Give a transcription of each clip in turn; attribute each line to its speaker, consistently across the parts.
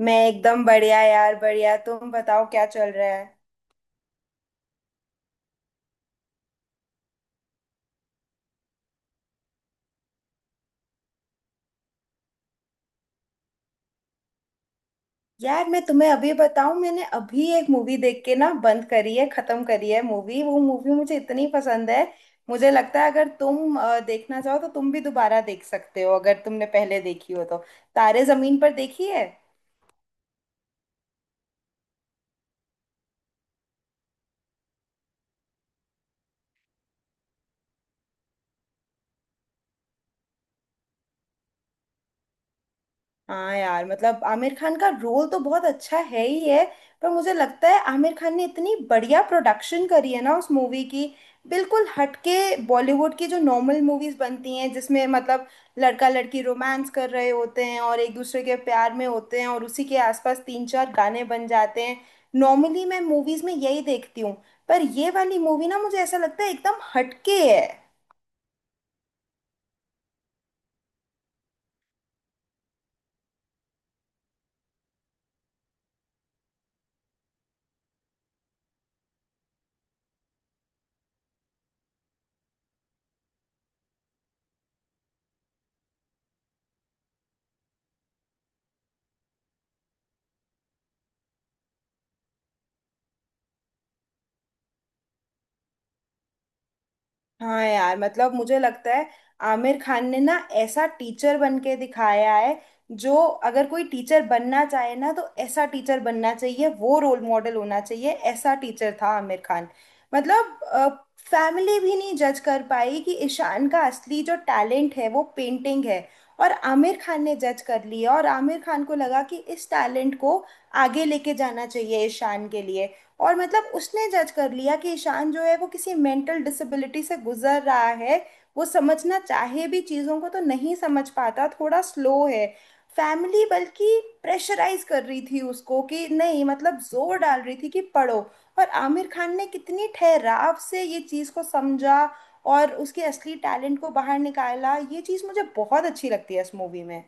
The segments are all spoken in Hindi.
Speaker 1: मैं एकदम बढ़िया यार, बढ़िया। तुम बताओ क्या चल रहा है। यार मैं तुम्हें अभी बताऊं, मैंने अभी एक मूवी देख के ना बंद करी है, खत्म करी है मूवी। वो मूवी मुझे इतनी पसंद है, मुझे लगता है अगर तुम देखना चाहो तो तुम भी दोबारा देख सकते हो अगर तुमने पहले देखी हो तो। तारे जमीन पर देखी है? हाँ यार, मतलब आमिर खान का रोल तो बहुत अच्छा है ही है। पर मुझे लगता है आमिर खान ने इतनी बढ़िया प्रोडक्शन करी है ना उस मूवी की, बिल्कुल हटके। बॉलीवुड की जो नॉर्मल मूवीज बनती हैं जिसमें मतलब लड़का लड़की रोमांस कर रहे होते हैं और एक दूसरे के प्यार में होते हैं और उसी के आसपास तीन चार गाने बन जाते हैं, नॉर्मली मैं मूवीज में यही देखती हूँ। पर ये वाली मूवी ना मुझे ऐसा लगता है एकदम हटके है। हाँ यार, मतलब मुझे लगता है आमिर खान ने ना ऐसा टीचर बन के दिखाया है जो, अगर कोई टीचर बनना चाहे ना तो ऐसा टीचर बनना चाहिए। वो रोल मॉडल होना चाहिए, ऐसा टीचर था आमिर खान। मतलब फैमिली भी नहीं जज कर पाई कि ईशान का असली जो टैलेंट है वो पेंटिंग है, और आमिर खान ने जज कर लिया। और आमिर खान को लगा कि इस टैलेंट को आगे लेके जाना चाहिए ईशान के लिए। और मतलब उसने जज कर लिया कि ईशान जो है वो किसी मेंटल डिसेबिलिटी से गुजर रहा है, वो समझना चाहे भी चीज़ों को तो नहीं समझ पाता, थोड़ा स्लो है। फैमिली बल्कि प्रेशराइज कर रही थी उसको कि नहीं, मतलब जोर डाल रही थी कि पढ़ो। और आमिर खान ने कितनी ठहराव से ये चीज़ को समझा और उसके असली टैलेंट को बाहर निकाला। ये चीज़ मुझे बहुत अच्छी लगती है इस मूवी में।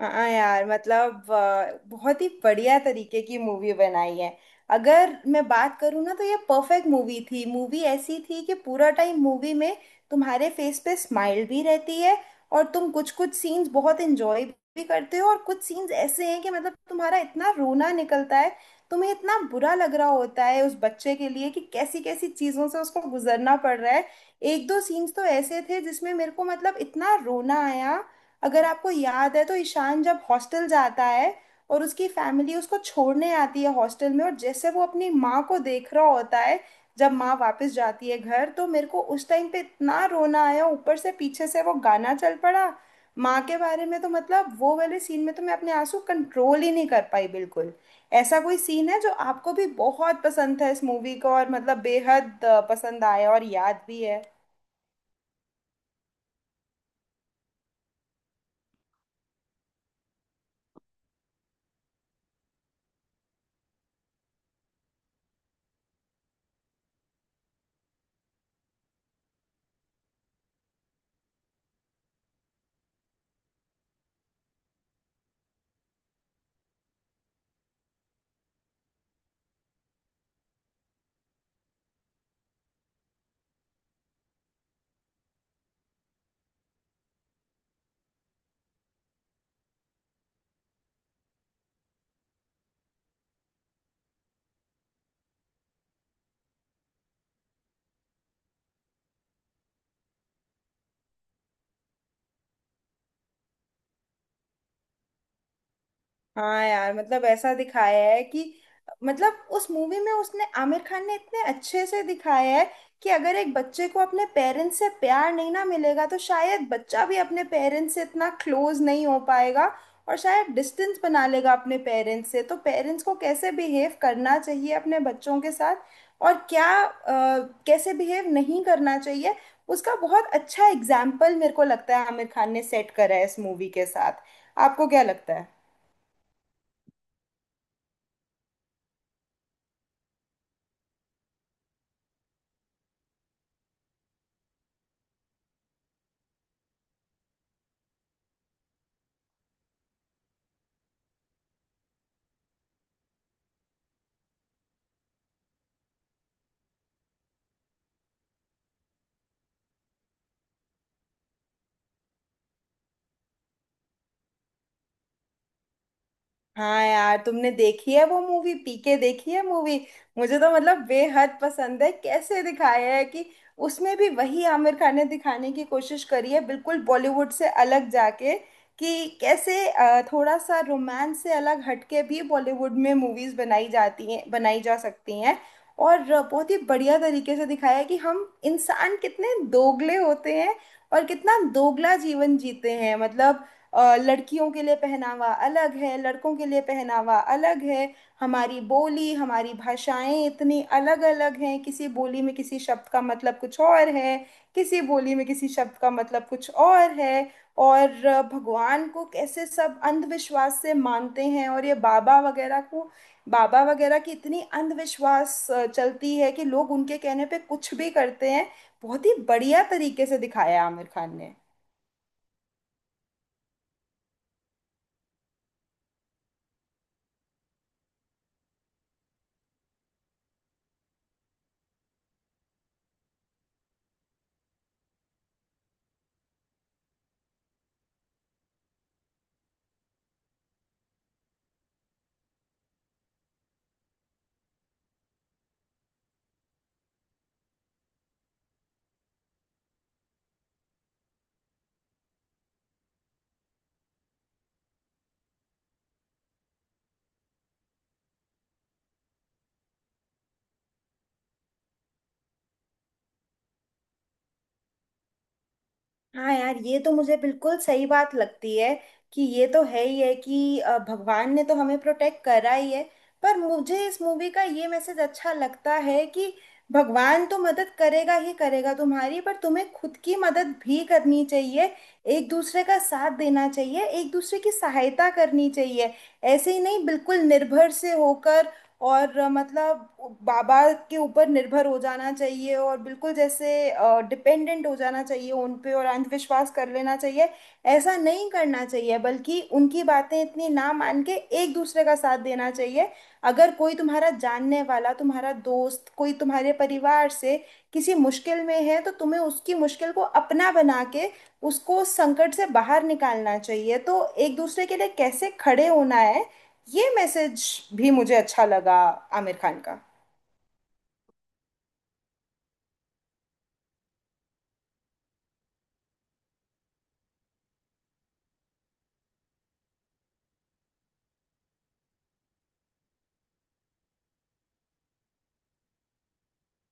Speaker 1: हाँ हाँ यार, मतलब बहुत ही बढ़िया तरीके की मूवी बनाई है। अगर मैं बात करूँ ना तो ये परफेक्ट मूवी थी। मूवी ऐसी थी कि पूरा टाइम मूवी में तुम्हारे फेस पे स्माइल भी रहती है, और तुम कुछ कुछ सीन्स बहुत इंजॉय भी करते हो, और कुछ सीन्स ऐसे हैं कि मतलब तुम्हारा इतना रोना निकलता है, तुम्हें इतना बुरा लग रहा होता है उस बच्चे के लिए कि कैसी कैसी चीज़ों से उसको गुजरना पड़ रहा है। एक दो सीन्स तो ऐसे थे जिसमें मेरे को मतलब इतना रोना आया। अगर आपको याद है तो ईशान जब हॉस्टल जाता है और उसकी फैमिली उसको छोड़ने आती है हॉस्टल में, और जैसे वो अपनी माँ को देख रहा होता है जब माँ वापस जाती है घर, तो मेरे को उस टाइम पे इतना रोना आया। ऊपर से पीछे से वो गाना चल पड़ा माँ के बारे में, तो मतलब वो वाले सीन में तो मैं अपने आंसू कंट्रोल ही नहीं कर पाई बिल्कुल। ऐसा कोई सीन है जो आपको भी बहुत पसंद था इस मूवी का और मतलब बेहद पसंद आया और याद भी है? हाँ यार, मतलब ऐसा दिखाया है कि, मतलब उस मूवी में उसने आमिर खान ने इतने अच्छे से दिखाया है कि अगर एक बच्चे को अपने पेरेंट्स से प्यार नहीं ना मिलेगा तो शायद बच्चा भी अपने पेरेंट्स से इतना क्लोज नहीं हो पाएगा, और शायद डिस्टेंस बना लेगा अपने पेरेंट्स से। तो पेरेंट्स को कैसे बिहेव करना चाहिए अपने बच्चों के साथ और क्या कैसे बिहेव नहीं करना चाहिए, उसका बहुत अच्छा एग्जाम्पल मेरे को लगता है आमिर खान ने सेट करा है इस मूवी के साथ। आपको क्या लगता है? हाँ यार, तुमने देखी है वो मूवी पीके? देखी है मूवी? मुझे तो मतलब बेहद पसंद है। कैसे दिखाया है कि उसमें भी वही आमिर खान ने दिखाने की कोशिश करी है, बिल्कुल बॉलीवुड से अलग जाके, कि कैसे थोड़ा सा रोमांस से अलग हटके भी बॉलीवुड में मूवीज बनाई जाती हैं, बनाई जा सकती हैं। और बहुत ही बढ़िया तरीके से दिखाया है कि हम इंसान कितने दोगले होते हैं और कितना दोगला जीवन जीते हैं। मतलब लड़कियों के लिए पहनावा अलग है, लड़कों के लिए पहनावा अलग है। हमारी बोली हमारी भाषाएं इतनी अलग अलग हैं, किसी बोली में किसी शब्द का मतलब कुछ और है, किसी बोली में किसी शब्द का मतलब कुछ और है। और भगवान को कैसे सब अंधविश्वास से मानते हैं, और ये बाबा वगैरह को, बाबा वगैरह की इतनी अंधविश्वास चलती है कि लोग उनके कहने पे कुछ भी करते हैं। बहुत ही बढ़िया तरीके से दिखाया है आमिर खान ने। हाँ यार, ये तो मुझे बिल्कुल सही बात लगती है कि ये तो है ही है कि भगवान ने तो हमें प्रोटेक्ट करा ही है। पर मुझे इस मूवी का ये मैसेज अच्छा लगता है कि भगवान तो मदद करेगा ही करेगा तुम्हारी, पर तुम्हें खुद की मदद भी करनी चाहिए। एक दूसरे का साथ देना चाहिए, एक दूसरे की सहायता करनी चाहिए। ऐसे ही नहीं बिल्कुल निर्भर से होकर, और मतलब बाबा के ऊपर निर्भर हो जाना चाहिए और बिल्कुल जैसे डिपेंडेंट हो जाना चाहिए उन पे और अंधविश्वास कर लेना चाहिए, ऐसा नहीं करना चाहिए। बल्कि उनकी बातें इतनी ना मान के एक दूसरे का साथ देना चाहिए। अगर कोई तुम्हारा जानने वाला, तुम्हारा दोस्त, कोई तुम्हारे परिवार से किसी मुश्किल में है, तो तुम्हें उसकी मुश्किल को अपना बना के उसको उस संकट से बाहर निकालना चाहिए। तो एक दूसरे के लिए कैसे खड़े होना है, ये मैसेज भी मुझे अच्छा लगा आमिर खान का।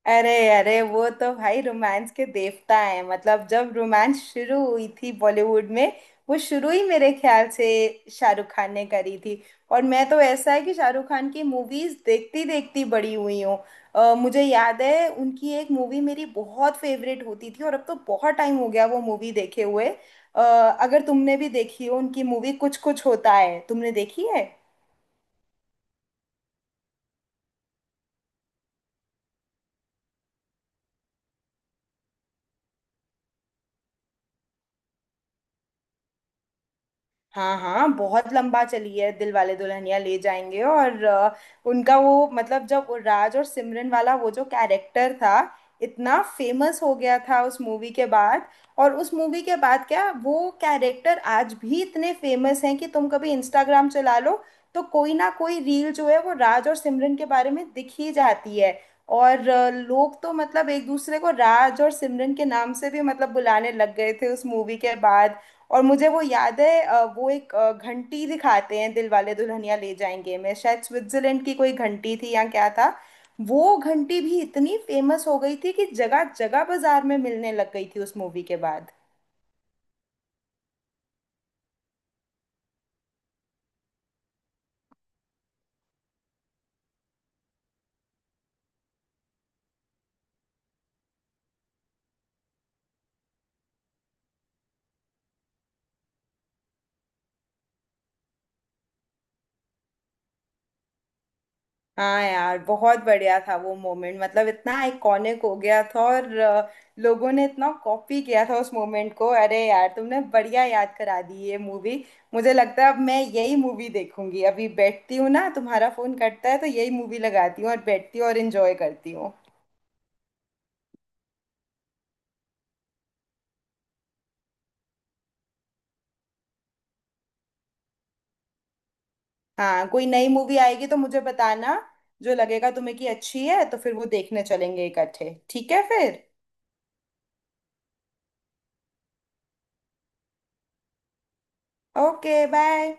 Speaker 1: अरे अरे, वो तो भाई रोमांस के देवता है। मतलब जब रोमांस शुरू हुई थी बॉलीवुड में, वो शुरू ही मेरे ख्याल से शाहरुख खान ने करी थी। और मैं तो, ऐसा है कि शाहरुख खान की मूवीज देखती देखती बड़ी हुई हूँ। मुझे याद है उनकी एक मूवी मेरी बहुत फेवरेट होती थी, और अब तो बहुत टाइम हो गया वो मूवी देखे हुए। अगर तुमने भी देखी हो उनकी मूवी कुछ कुछ होता है, तुमने देखी है? हाँ हाँ, बहुत लंबा चली है दिल वाले दुल्हनिया ले जाएंगे। और उनका वो, मतलब जब वो राज और सिमरन वाला वो जो कैरेक्टर था, इतना फेमस हो गया था उस मूवी के बाद। और उस मूवी के बाद क्या, वो कैरेक्टर आज भी इतने फेमस हैं कि तुम कभी इंस्टाग्राम चला लो तो कोई ना कोई रील जो है वो राज और सिमरन के बारे में दिख ही जाती है। और लोग तो मतलब एक दूसरे को राज और सिमरन के नाम से भी मतलब बुलाने लग गए थे उस मूवी के बाद। और मुझे वो याद है वो एक घंटी दिखाते हैं दिल वाले दुल्हनिया ले जाएंगे में, शायद स्विट्जरलैंड की कोई घंटी थी या क्या था। वो घंटी भी इतनी फेमस हो गई थी कि जगह जगह बाजार में मिलने लग गई थी उस मूवी के बाद। हाँ यार, बहुत बढ़िया था वो मोमेंट। मतलब इतना आइकॉनिक हो गया था, और लोगों ने इतना कॉपी किया था उस मोमेंट को। अरे यार, तुमने बढ़िया याद करा दी ये मूवी। मुझे लगता है अब मैं यही मूवी देखूंगी। अभी बैठती हूँ ना, तुम्हारा फोन कटता है तो यही मूवी लगाती हूँ और बैठती हूँ और एंजॉय करती हूँ। हाँ, कोई नई मूवी आएगी तो मुझे बताना। जो लगेगा तुम्हें कि अच्छी है तो फिर वो देखने चलेंगे इकट्ठे, ठीक है फिर। Okay, bye.